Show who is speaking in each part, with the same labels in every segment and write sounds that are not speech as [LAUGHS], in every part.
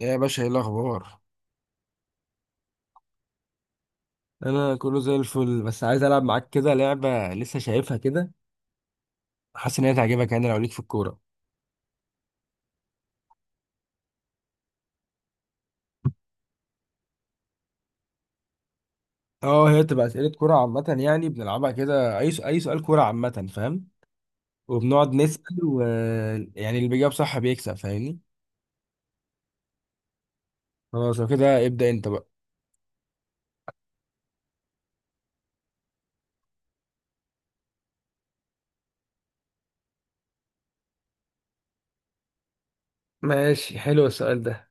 Speaker 1: ايه يا باشا، ايه الاخبار؟ انا كله زي الفل، بس عايز العب معاك كده لعبه لسه شايفها كده. حاسس ان هي تعجبك، يعني لو ليك في الكوره. اه، هي بتبقى اسئله كوره عامه يعني، بنلعبها كده. اي سؤال كوره عامه، فاهم؟ وبنقعد نسال و يعني اللي بيجاوب صح بيكسب، فاهمني؟ خلاص، لو كده ابدا انت بقى. ماشي، حلو السؤال ده.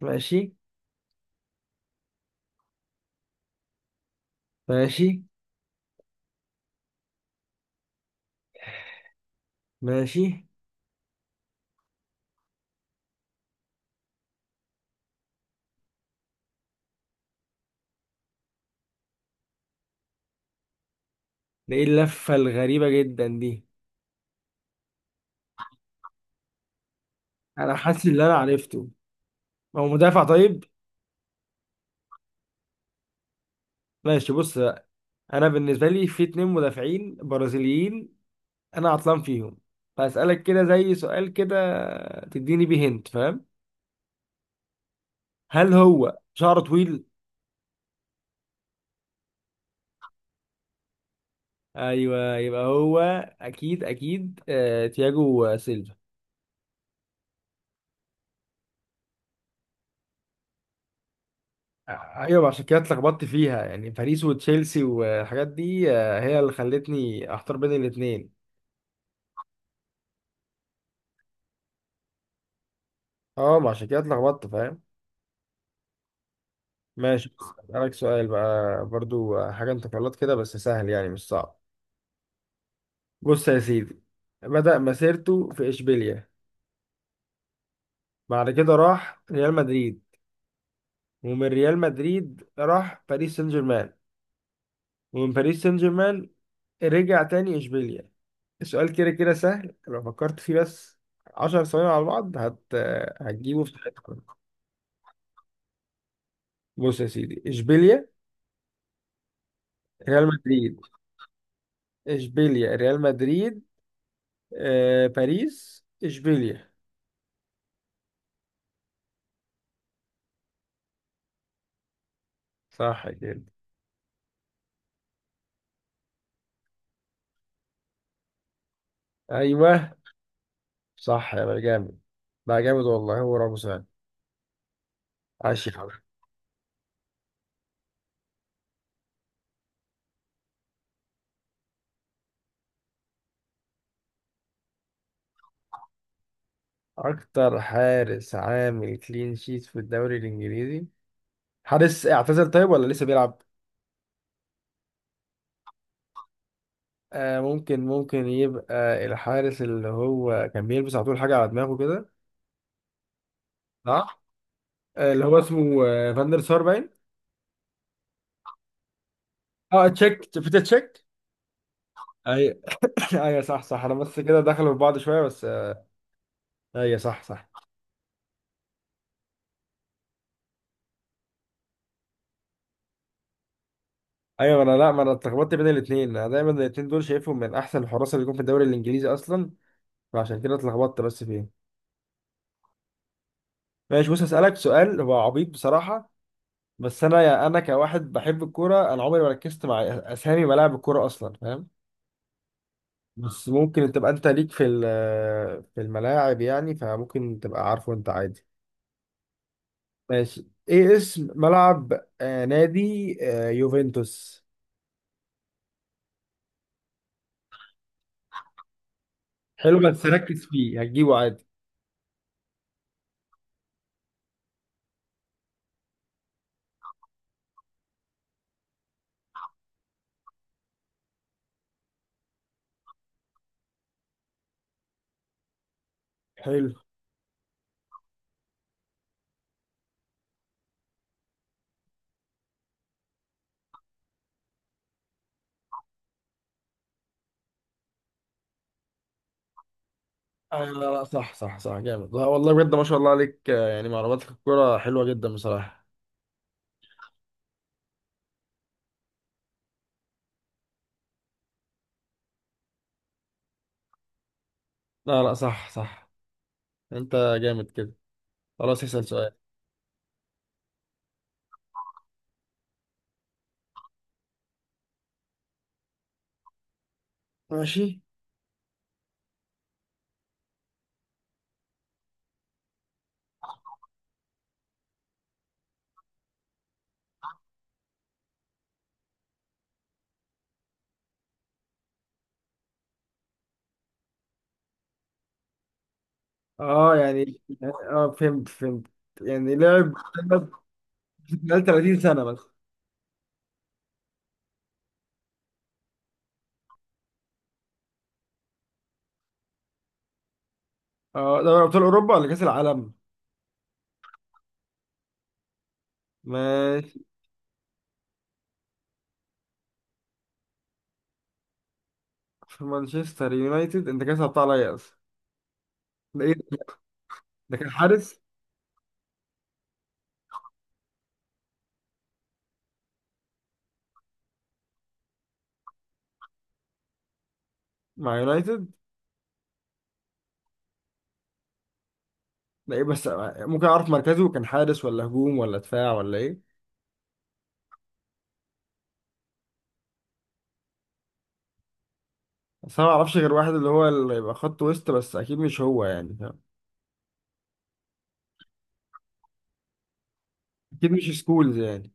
Speaker 1: ماشي. ماشي. ماشي. ده ايه اللفه الغريبه جدا دي؟ انا حاسس ان انا عرفته. هو مدافع، طيب؟ ماشي، بص. انا بالنسبه لي في اتنين مدافعين برازيليين، انا عطلان فيهم، فاسالك كده زي سؤال كده تديني بيه هنت، فاهم؟ هل هو شعره طويل؟ ايوه، يبقى هو. اكيد اكيد، تياجو سيلفا. ايوه، عشان كده اتلخبطت فيها، يعني باريس وتشيلسي والحاجات دي، هي اللي خلتني احتار بين الاتنين. اه، ما عشان كده اتلخبطت، فاهم. ماشي، اسالك سؤال بقى برضو. حاجه انت غلط كده، بس سهل يعني، مش صعب. بص يا سيدي، بدأ مسيرته في إشبيليا، بعد كده راح ريال مدريد، ومن ريال مدريد راح باريس سان جيرمان، ومن باريس سان جيرمان رجع تاني إشبيليا. السؤال كده كده سهل لو فكرت فيه بس عشر ثواني على بعض، هتجيبه في ساعتها. بص يا سيدي، إشبيليا، ريال مدريد، إشبيليا، ريال مدريد، باريس، إشبيليا. صح كده. أيوه. صح، يا بقى جامد. بقى جامد والله، هو راموس يعني. عاش يا حبيبي. اكتر حارس عامل كلين شيت في الدوري الانجليزي؟ حارس اعتزل طيب، ولا لسه بيلعب؟ آه، ممكن ممكن يبقى الحارس اللي هو كان بيلبس على طول حاجه على دماغه كده. صح. اللي هو اسمه فاندر سار باين. اه، تشيك، بيتر تشيك. ايوه. [LAUGHS] ايوه صح صح، انا بس كده دخلوا في بعض شويه بس، آه. ايوه صح صح. ايوه، انا لا، ما انا اتلخبطت بين الاثنين. انا دايما الاثنين دول شايفهم من احسن الحراس اللي يكون في الدوري الانجليزي اصلا، فعشان كده اتلخبطت بس فيهم. ماشي، بص هسألك سؤال هو عبيط بصراحة. بس انا، يا انا كواحد بحب الكوره، انا عمري ما ركزت مع اسامي ملاعب الكوره اصلا، فاهم؟ بس ممكن تبقى انت ليك في الملاعب يعني، فممكن تبقى عارفه انت عادي. ماشي، ايه اسم ملعب نادي يوفنتوس؟ حلو، بس ركز فيه هتجيبه عادي. حلو. لا لا، صح صح صح، جامد. لا والله بجد، ما شاء الله عليك، يعني معلوماتك في الكوره حلوه جدا بصراحه. لا لا، صح صح. انت جامد كده. خلاص، اسال سؤال. ماشي. اه يعني، اه، فهمت فهمت. يعني لعب لعب خلال 30 سنة بس؟ اه، دوري أبطال أوروبا ولا كأس العالم؟ ماشي. في مانشستر يونايتد؟ أنت كده صعبتها عليا أصلا. ده إيه ده؟ ده كان حارس؟ مع يونايتد؟ ده إيه بس. ممكن أعرف مركزه؟ كان حارس ولا هجوم ولا دفاع ولا إيه؟ بس أنا معرفش غير واحد اللي هو اللي يبقى خط وسط، بس أكيد مش هو يعني، فاهم؟ أكيد مش سكولز يعني.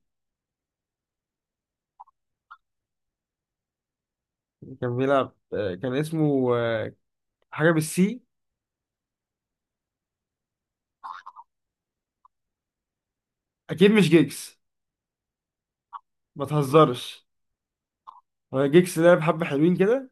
Speaker 1: كان بيلعب، كان اسمه، حاجة بالسي. أكيد مش جيجز. ما تهزرش. هو جيكس لعب حبة حلوين كده.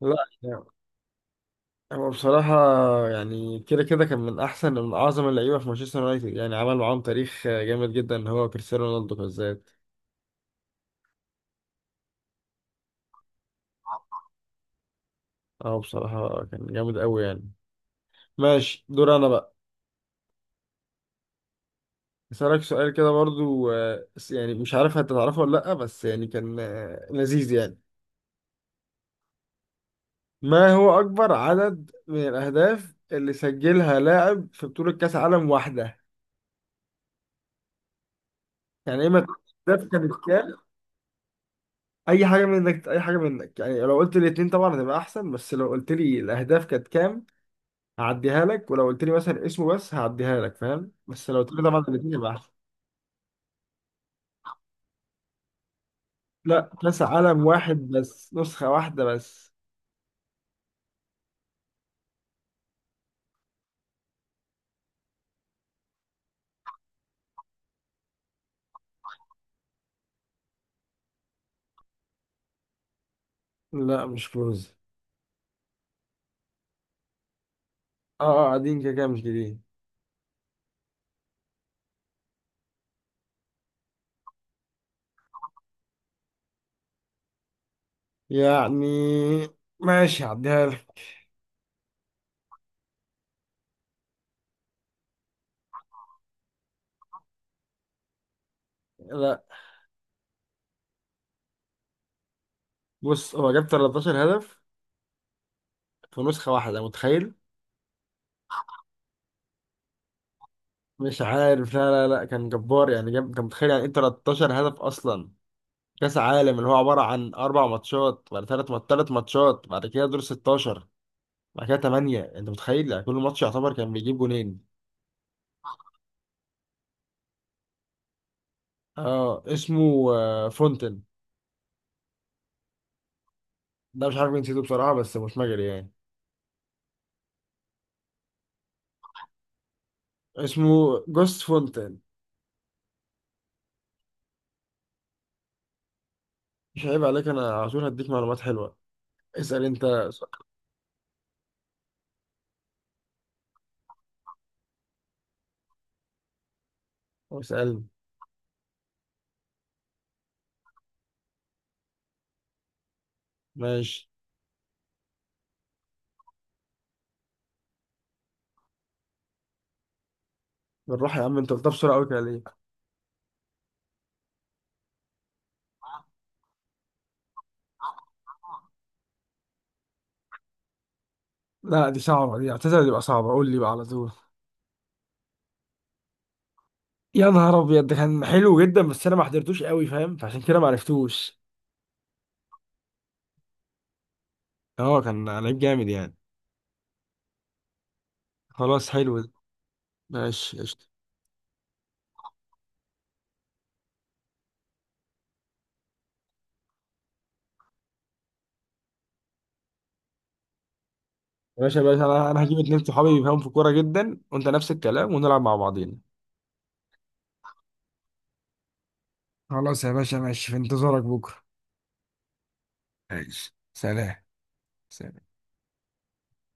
Speaker 1: لا، يعني هو بصراحة، يعني كده كده كان من أحسن من أعظم اللعيبة في مانشستر يونايتد، يعني عمل معاهم تاريخ جامد جدا، هو كريستيانو رونالدو بالذات. اه، بصراحة كان جامد أوي يعني. ماشي، دور أنا بقى. أسألك سؤال كده برضو، يعني مش عارف هتتعرفه ولا لأ، بس يعني كان، لذيذ يعني. ما هو أكبر عدد من الأهداف اللي سجلها لاعب في بطولة كأس عالم واحدة؟ يعني إيه ما الأهداف كانت كام. اي حاجه منك، اي حاجه منك، يعني لو قلت لي الاتنين طبعا هتبقى احسن، بس لو قلت لي الاهداف كانت كام هعديها لك، ولو قلت لي مثلا اسمه بس هعديها لك، فاهم؟ بس لو قلت لي طبعا الاتنين يبقى احسن. لا، كاس عالم واحد بس، نسخه واحده بس. لا، مش كلوز. اه اه، قاعدين كده كده مش جديد يعني. ماشي، هعديها لك. لا، بص هو جاب 13 هدف في نسخه واحده، متخيل؟ مش عارف. لا لا لا، كان جبار يعني. جاب، كان متخيل يعني ايه 13 هدف اصلا؟ كاس عالم اللي هو عباره عن اربع ماتشات، بعد ثلاث مات ثلاث ماتشات، بعد كده دور 16، بعد كده 8، انت متخيل؟ يعني كل ماتش يعتبر كان بيجيب جونين. اه، اسمه، فونتن. ده مش عارف جنسيته بصراحه، بس مش مجري يعني. اسمه جوست فونتن. مش عيب عليك، انا على طول هديك معلومات حلوه. اسال انت. اسال. ماشي، بالراحه يا عم، انت قلتها بسرعه قوي كده ليه؟ لا دي صعبه دي، اعتذر تبقى صعبه، قول لي بقى على طول. يا نهار ابيض، ده كان حلو جدا، بس انا ما حضرتوش قوي، فاهم؟ فعشان كده ما عرفتوش. اه، كان لعيب جامد يعني. خلاص، حلو ده. ماشي، قشطة. يا باشا، باشا، انا هجيب اتنين صحابي بيفهموا في الكورة جدا، وانت نفس الكلام، ونلعب مع بعضينا. خلاص يا باشا، ماشي، في انتظارك بكرة. ماشي، سلام. سلام.